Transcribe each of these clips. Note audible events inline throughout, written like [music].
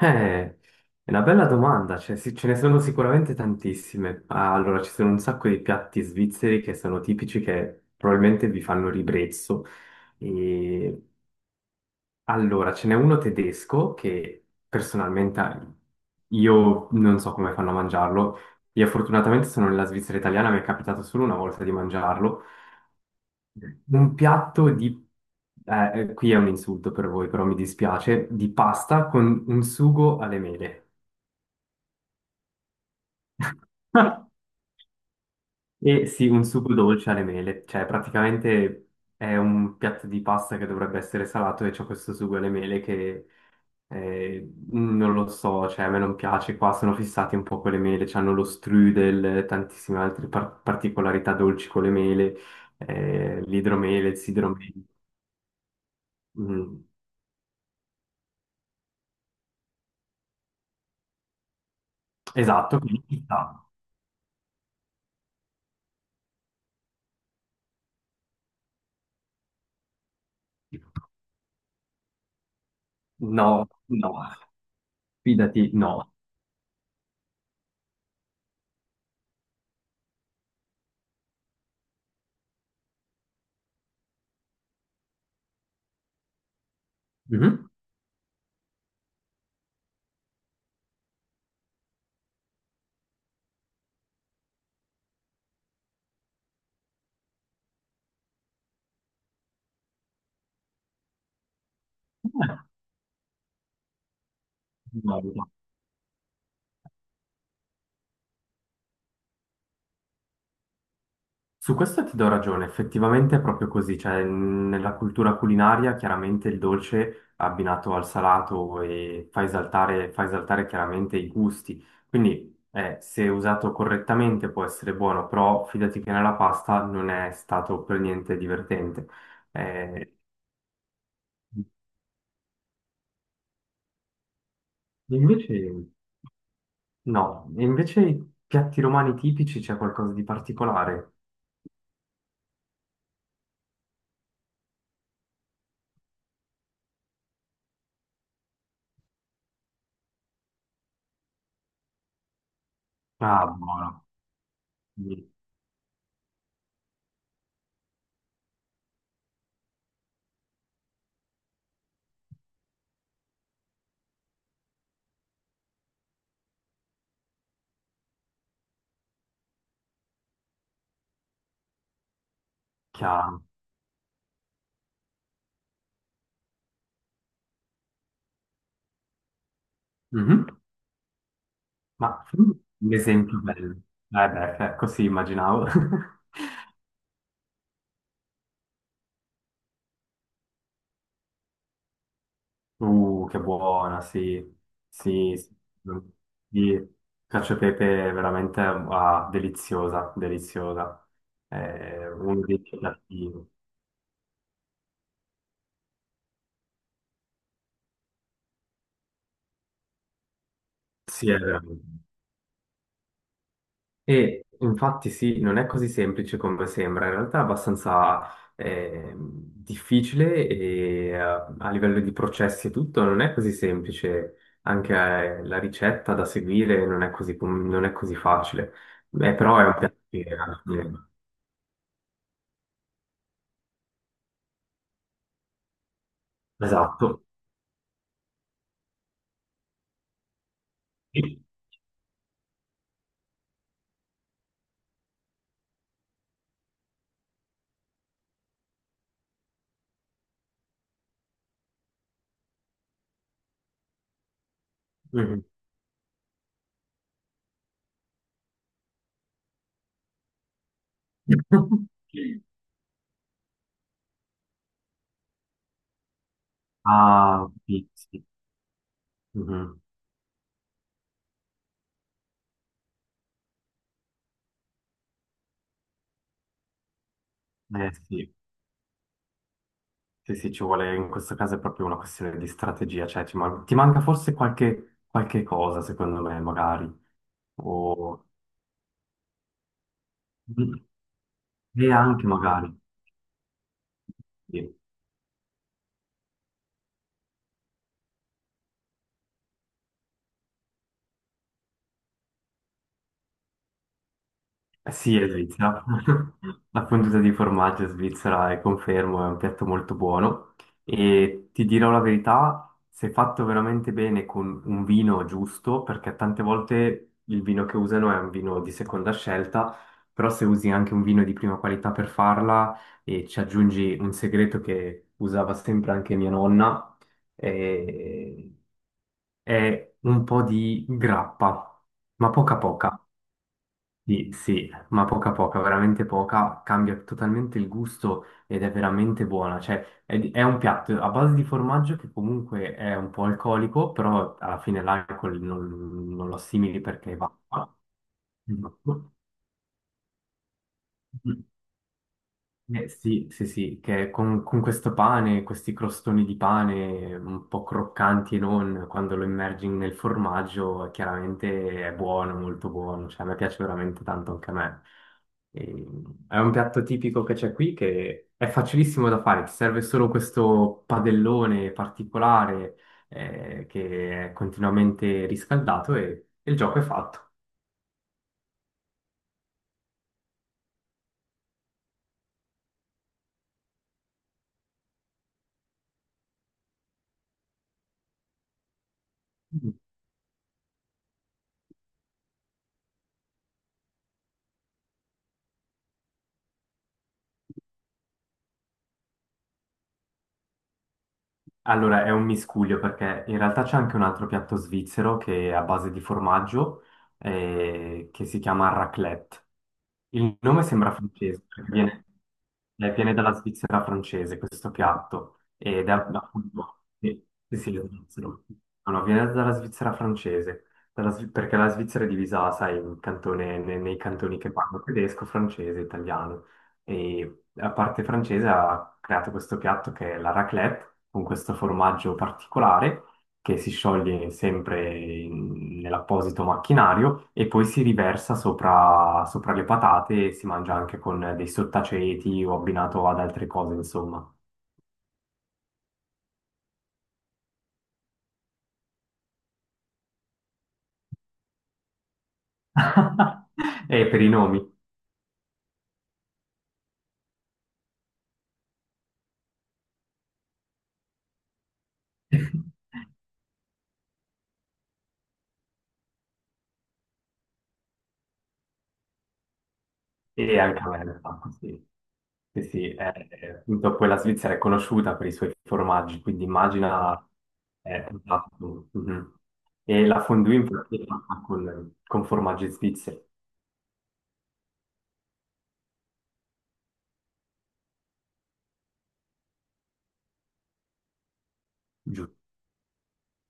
Eh, è una bella domanda, cioè, sì, ce ne sono sicuramente tantissime. Allora, ci sono un sacco di piatti svizzeri che sono tipici, che probabilmente vi fanno ribrezzo. E allora, ce n'è uno tedesco che personalmente io non so come fanno a mangiarlo. Io fortunatamente sono nella Svizzera italiana, mi è capitato solo una volta di mangiarlo. Un piatto di... qui è un insulto per voi, però mi dispiace, di pasta con un sugo alle mele. E sì, un sugo dolce alle mele, cioè praticamente è un piatto di pasta che dovrebbe essere salato e c'è questo sugo alle mele che non lo so, cioè a me non piace, qua sono fissati un po' con le mele, hanno lo strudel, tantissime altre particolarità dolci con le mele, l'idromele, il sidromele. Mm, esatto, quindi ci sta. No, no, fidati, no. Mhm. Eh, No, no. Su questo ti do ragione, effettivamente è proprio così, cioè nella cultura culinaria chiaramente il dolce abbinato al salato e fa esaltare chiaramente i gusti, quindi se usato correttamente può essere buono, però fidati che nella pasta non è stato per niente divertente. Eh, invece no, E invece i piatti romani tipici c'è qualcosa di particolare? Ah, buono, quindi, chiaro. Mhm. Ma fammi un esempio bello. Eh beh, così immaginavo. [laughs] Che buona, sì. Sì, sì. Sì, cacio e pepe è veramente ah, deliziosa, deliziosa. È uno dei più piatti. Sì, è vero. E infatti sì, non è così semplice come sembra, in realtà è abbastanza difficile e a livello di processi e tutto non è così semplice, anche la ricetta da seguire non è così, non è così facile. Beh, però è un piatto che alla fine- Esatto. Mhm. [laughs] Ah, sì, sì. Mhm. Sì. Sì, sì, ci vuole, in questo caso è proprio una questione di strategia, cioè ti manca forse qualche, qualche cosa, secondo me, magari, o... e anche magari. Sì. Sì, è Svizzera. [laughs] La fonduta di formaggio svizzera è confermo, è un piatto molto buono e ti dirò la verità, se fatto veramente bene con un vino giusto, perché tante volte il vino che usano è un vino di seconda scelta, però se usi anche un vino di prima qualità per farla e ci aggiungi un segreto che usava sempre anche mia nonna, eh, è un po' di grappa, ma poca poca. Sì, sì, ma poca poca, veramente poca, cambia totalmente il gusto ed è veramente buona, cioè è, è un piatto a base di formaggio che comunque è un po' alcolico, però alla fine l'alcol non, non lo assimili perché va. Sì, sì, sì, che con questo pane, questi crostoni di pane un po' croccanti e non, quando lo immergi nel formaggio, chiaramente è buono, molto buono, cioè a me piace veramente tanto anche a me. È un piatto tipico che c'è qui che è facilissimo da fare, ti serve solo questo padellone particolare che è continuamente riscaldato e il gioco è fatto. Mm. Allora è un miscuglio perché in realtà c'è anche un altro piatto svizzero che è a base di formaggio che si chiama raclette. Il nome sembra francese, perché viene, viene dalla Svizzera francese questo piatto, ed è appunto, sì, sì, sì, lo svizzero. No, no, viene dalla Svizzera francese, perché la Svizzera è divisa, sai, in nei cantoni che parlano tedesco, francese, italiano, e la parte francese ha creato questo piatto che è la raclette, con questo formaggio particolare, che si scioglie sempre nell'apposito macchinario e poi si riversa sopra, sopra le patate e si mangia anche con dei sottaceti o abbinato ad altre cose, insomma. [laughs] E per i nomi. [laughs] E anche a me mi fa così. Sì, sì, appunto poi la Svizzera è conosciuta per i suoi formaggi, quindi immagina... esatto, mhm. E la fondue infatti è fatta con formaggi svizzeri.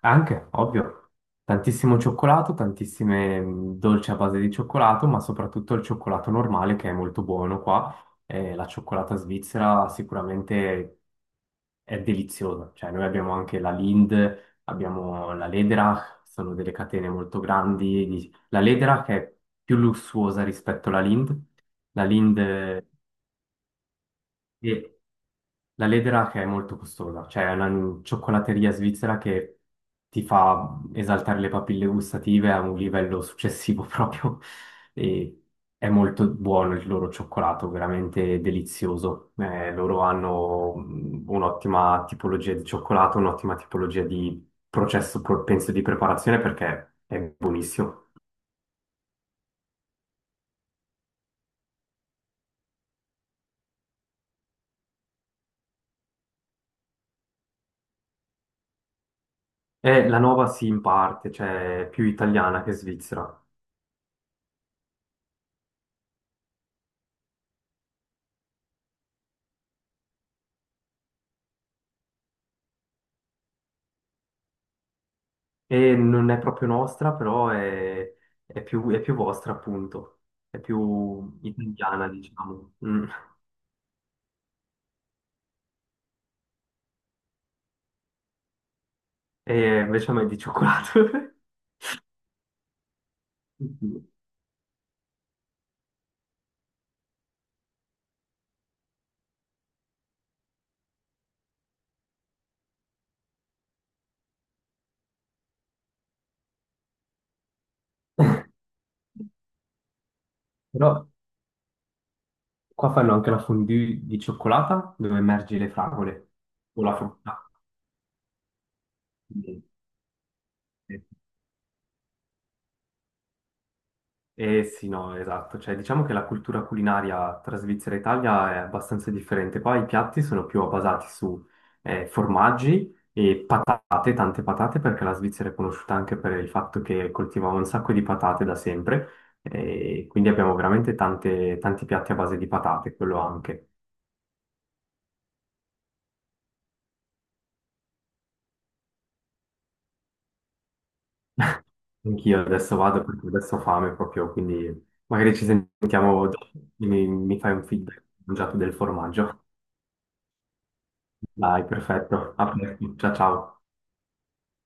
Anche, ovvio, tantissimo cioccolato, tantissime dolci a base di cioccolato, ma soprattutto il cioccolato normale che è molto buono qua. La cioccolata svizzera sicuramente è deliziosa. Cioè, noi abbiamo anche la Lind, abbiamo la Lederach, sono delle catene molto grandi. La Lederach è più lussuosa rispetto alla Lind. La Lind è la Ledra che è molto costosa, cioè è una cioccolateria svizzera che ti fa esaltare le papille gustative a un livello successivo [laughs] proprio e è molto buono il loro cioccolato, veramente delizioso. Loro hanno un'ottima tipologia di cioccolato, un'ottima tipologia di processo, penso, di preparazione perché è buonissimo. E la nuova sì, in parte, cioè è più italiana che svizzera. E non è proprio nostra, però è più vostra, appunto. È più italiana, diciamo. Mm. E invece a me è di cioccolato. [laughs] Sì. Però qua fanno anche la fondue di cioccolata dove immergi le fragole o la frutta. Sì. Eh sì, no, esatto. Cioè, diciamo che la cultura culinaria tra Svizzera e Italia è abbastanza differente. Qua i piatti sono più basati su formaggi e patate, tante patate, perché la Svizzera è conosciuta anche per il fatto che coltivava un sacco di patate da sempre. E quindi abbiamo veramente tanti piatti a base di patate, quello anche. [laughs] Anch'io adesso vado perché adesso ho fame proprio, quindi magari ci sentiamo dopo. Mi fai un feedback, ho mangiato del formaggio. Dai, perfetto. A presto. Ciao ciao.